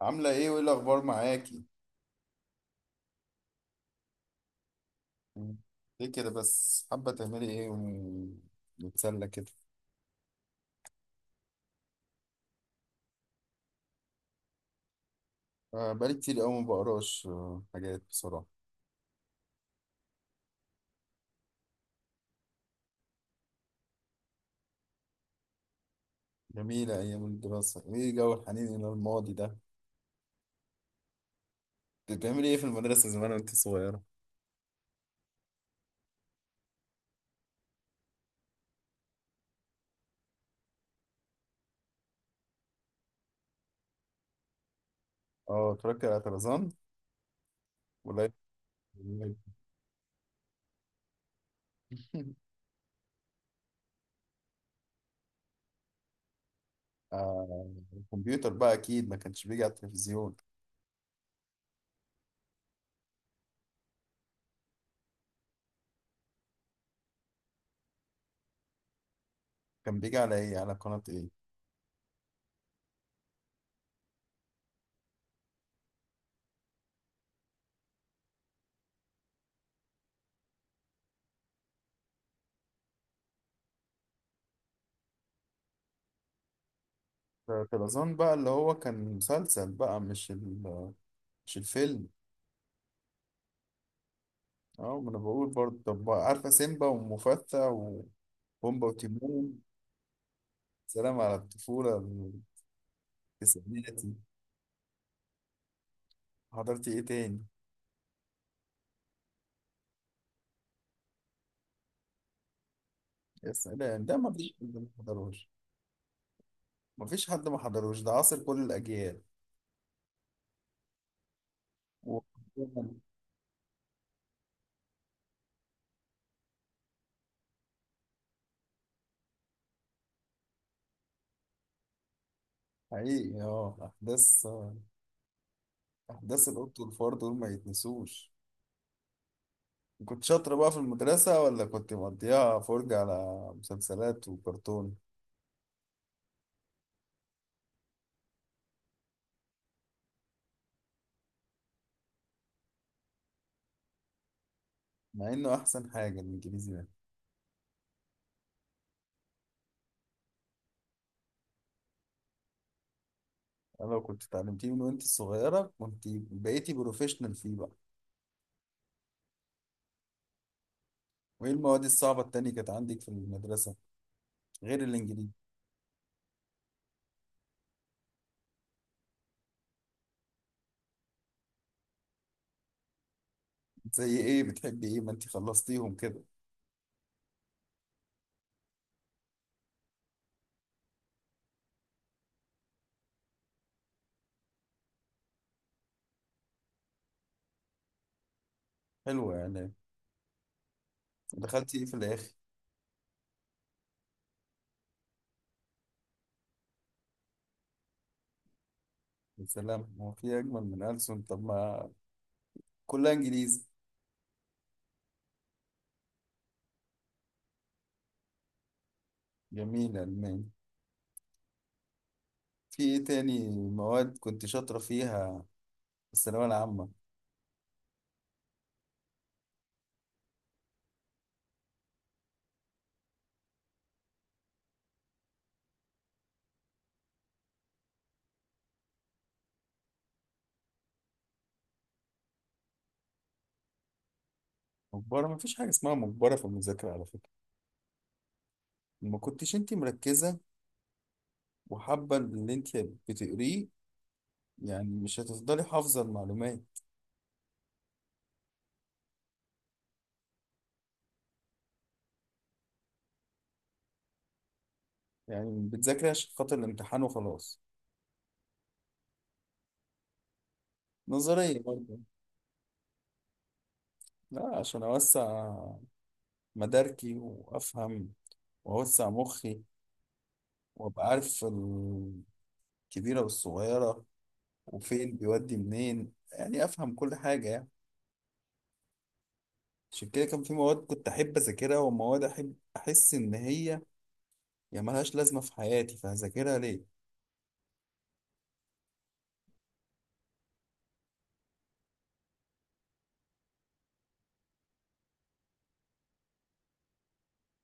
عاملة ايه وايه الأخبار معاكي؟ مم. ليه كده بس، حابة تعملي ايه ونتسلى كده؟ آه، بقالي كتير أوي ما بقراش حاجات بصراحة. جميلة أيام الدراسة، ايه جو الحنين إلى الماضي ده. كنت بتعملي ايه في المدرسة زمان وانت صغيرة؟ اه، اتفرجت على طرزان ولا؟ آه، الكمبيوتر بقى أكيد ما كانش بيجي على التلفزيون. كان بيجي على ايه؟ على قناة ايه؟ طرزان بقى اللي هو كان مسلسل بقى، مش الفيلم؟ اه، ما انا بقول برضه. طب بقى، عارفة سيمبا ومفتى وبومبا وتيمون؟ سلام على الطفولة. التسعيناتي. حضرتي ايه تاني؟ يا سلام، ده ما فيش حد ما حضروش. ما فيش حد ما حضروش، ده عاصر كل الأجيال. و- حقيقي. أحداث القط والفار دول ما يتنسوش. كنت شاطرة بقى في المدرسة ولا كنت مقضيها فرجة على مسلسلات وكرتون؟ مع إنه أحسن حاجة الإنجليزي ده. لو كنت اتعلمتيه من وانت صغيرة، كنت بقيتي بروفيشنال فيه بقى. وايه المواد الصعبة التانية كانت عندك في المدرسة غير الانجليزي؟ زي ايه بتحبي؟ ايه ما انت خلصتيهم كده. حلوة يعني. دخلتي ايه في الاخر؟ يا سلام، هو في اجمل من ألسن؟ طب ما كلها انجليزي. جميل، الماني. في ايه تاني مواد كنت شاطرة فيها في الثانوية العامة؟ مجبرة؟ ما فيش حاجة اسمها مجبرة في المذاكرة على فكرة. ما كنتش انت مركزة وحابة اللي انت بتقريه. يعني مش هتفضلي حافظة المعلومات. يعني بتذاكري عشان خاطر الامتحان وخلاص؟ نظرية برضه. لا، عشان أوسع مداركي وأفهم وأوسع مخي، وأبقى عارف الكبيرة والصغيرة وفين بيودي منين. يعني أفهم كل حاجة يعني. عشان كده كان في مواد كنت أحب أذاكرها، ومواد أحب أحس إن هي يعني ملهاش لازمة في حياتي فهذاكرها ليه؟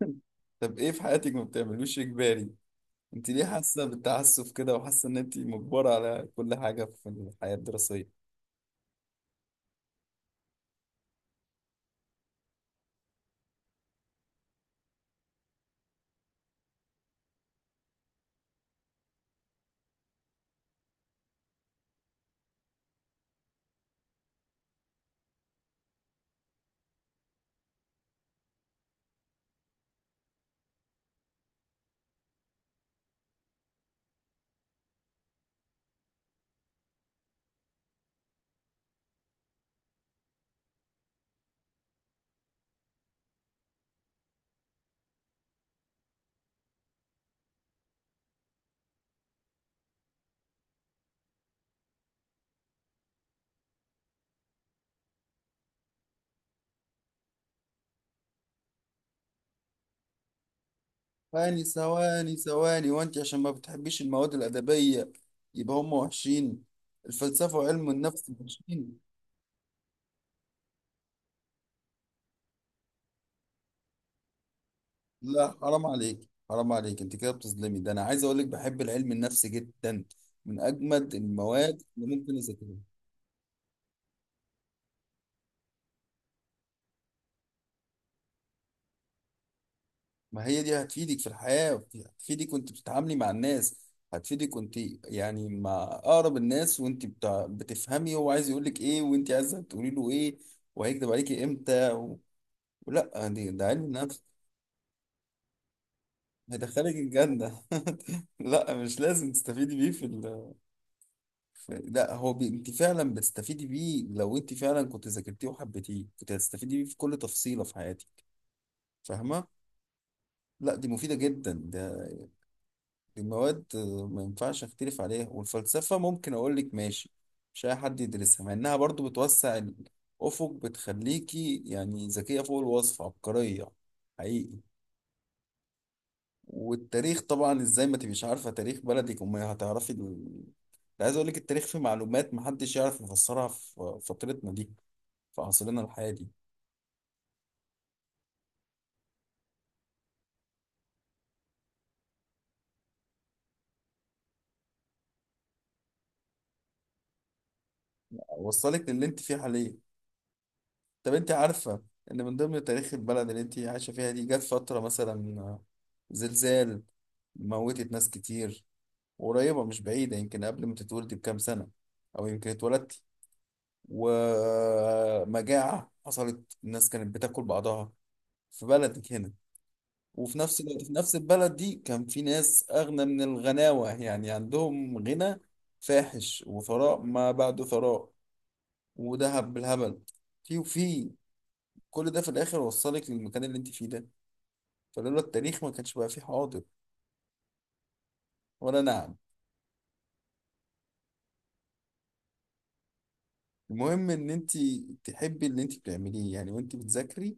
طب إيه في حياتك ما بتعملوش إجباري؟ انت ليه حاسه بالتعسف كده، وحاسه ان انت مجبره على كل حاجه في الحياه الدراسيه؟ ثواني ثواني ثواني، وانت عشان ما بتحبيش المواد الادبيه يبقى هم وحشين؟ الفلسفه وعلم النفس وحشين؟ لا، حرام عليك حرام عليك. انت كده بتظلمي ده. انا عايز اقول لك بحب العلم النفسي جدا، من اجمد المواد اللي ممكن اذاكرها. ما هي دي هتفيدك في الحياة. هتفيدك وانت بتتعاملي مع الناس، هتفيدك وانت يعني مع أقرب الناس، وانت بتفهمي هو عايز يقولك ايه، وانت عايزة تقولي له ايه، وهيكدب عليكي امتى و... لا دي، ده علم نفس. هيدخلك الجنة. لا، مش لازم تستفيدي بيه في ال... في... لا، هو بي... انت فعلا بتستفيدي بيه. لو انت فعلا كنت ذاكرتيه وحبيتيه، كنت هتستفيدي بيه في كل تفصيلة في حياتك. فاهمة؟ لا دي مفيدة جدا ده. المواد ما ينفعش اختلف عليها. والفلسفة ممكن اقول لك ماشي، مش اي حد يدرسها، مع انها برضو بتوسع الافق، بتخليكي يعني ذكية فوق الوصف، عبقرية، حقيقي. والتاريخ طبعا، ازاي ما تبقيش عارفة تاريخ بلدك، وما هتعرفي ال... ده عايز اقول لك التاريخ فيه معلومات محدش يعرف يفسرها في فترتنا دي، في عصرنا الحالي. اوصلك للي انت فيه حاليا. طب انت عارفة ان من ضمن تاريخ البلد اللي انت عايشة فيها دي، جت فترة مثلا زلزال، موتت ناس كتير، قريبة مش بعيدة، يمكن قبل ما تتولدي بكام سنة او يمكن اتولدتي. ومجاعة حصلت، الناس كانت بتاكل بعضها في بلدك هنا. وفي نفس الوقت في نفس البلد دي كان في ناس اغنى من الغناوة، يعني عندهم غنى فاحش وثراء ما بعده ثراء وذهب بالهبل. في وفي كل ده في الاخر وصلك للمكان اللي انت فيه ده. فلولا التاريخ ما كانش بقى فيه حاضر، ولا نعم؟ المهم ان انت تحبي اللي انت بتعمليه، يعني وانت بتذاكري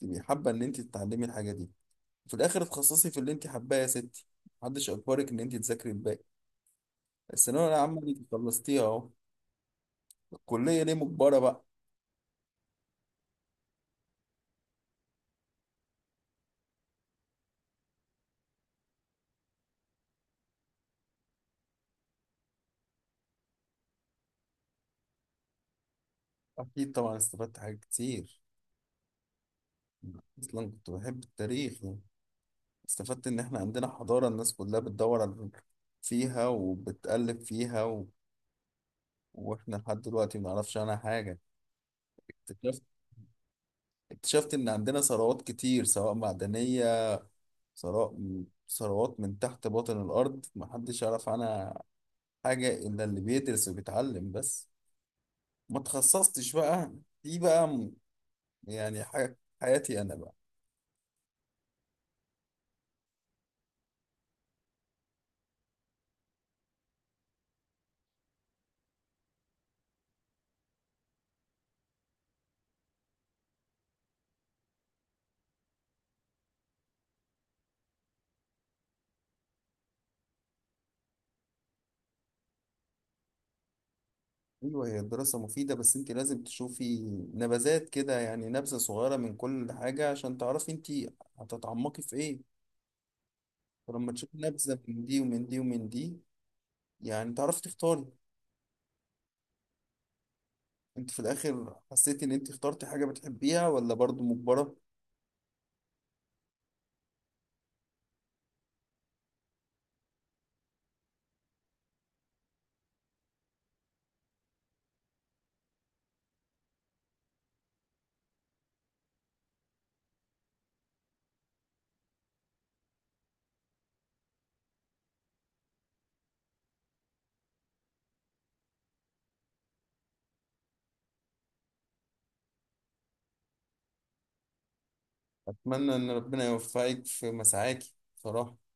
تبقي حابه ان انت تتعلمي الحاجه دي، وفي الاخر تخصصي في اللي انت حباه يا ستي. محدش اجبرك ان انت تذاكري الباقي. الثانويه العامه دي خلصتيها اهو، الكليه ليه مجبره بقى؟ اكيد طبعا استفدت حاجات كتير. اصلا كنت بحب التاريخ يعني. استفدت ان احنا عندنا حضاره الناس كلها بتدور على فيها وبتقلب فيها، واحنا لحد دلوقتي ما نعرفش عنها حاجة. اكتشفت اكتشفت ان عندنا ثروات كتير، سواء معدنية، ثراء، ثروات من تحت باطن الارض ما حدش يعرف عنها حاجة الا اللي بيدرس وبيتعلم بس. ما تخصصتش بقى. دي بقى م- يعني ح- حياتي انا بقى. ايوه، هي الدراسة مفيدة، بس انت لازم تشوفي نبذات كده، يعني نبذة صغيرة من كل حاجة، عشان تعرفي انت هتتعمقي في ايه. فلما تشوفي نبذة من دي ومن دي ومن دي، يعني تعرفي تختاري. انت في الاخر حسيتي ان انت اخترتي حاجة بتحبيها، ولا برضو مجبرة؟ اتمنى ان ربنا يوفقك في مساعاكي بصراحة.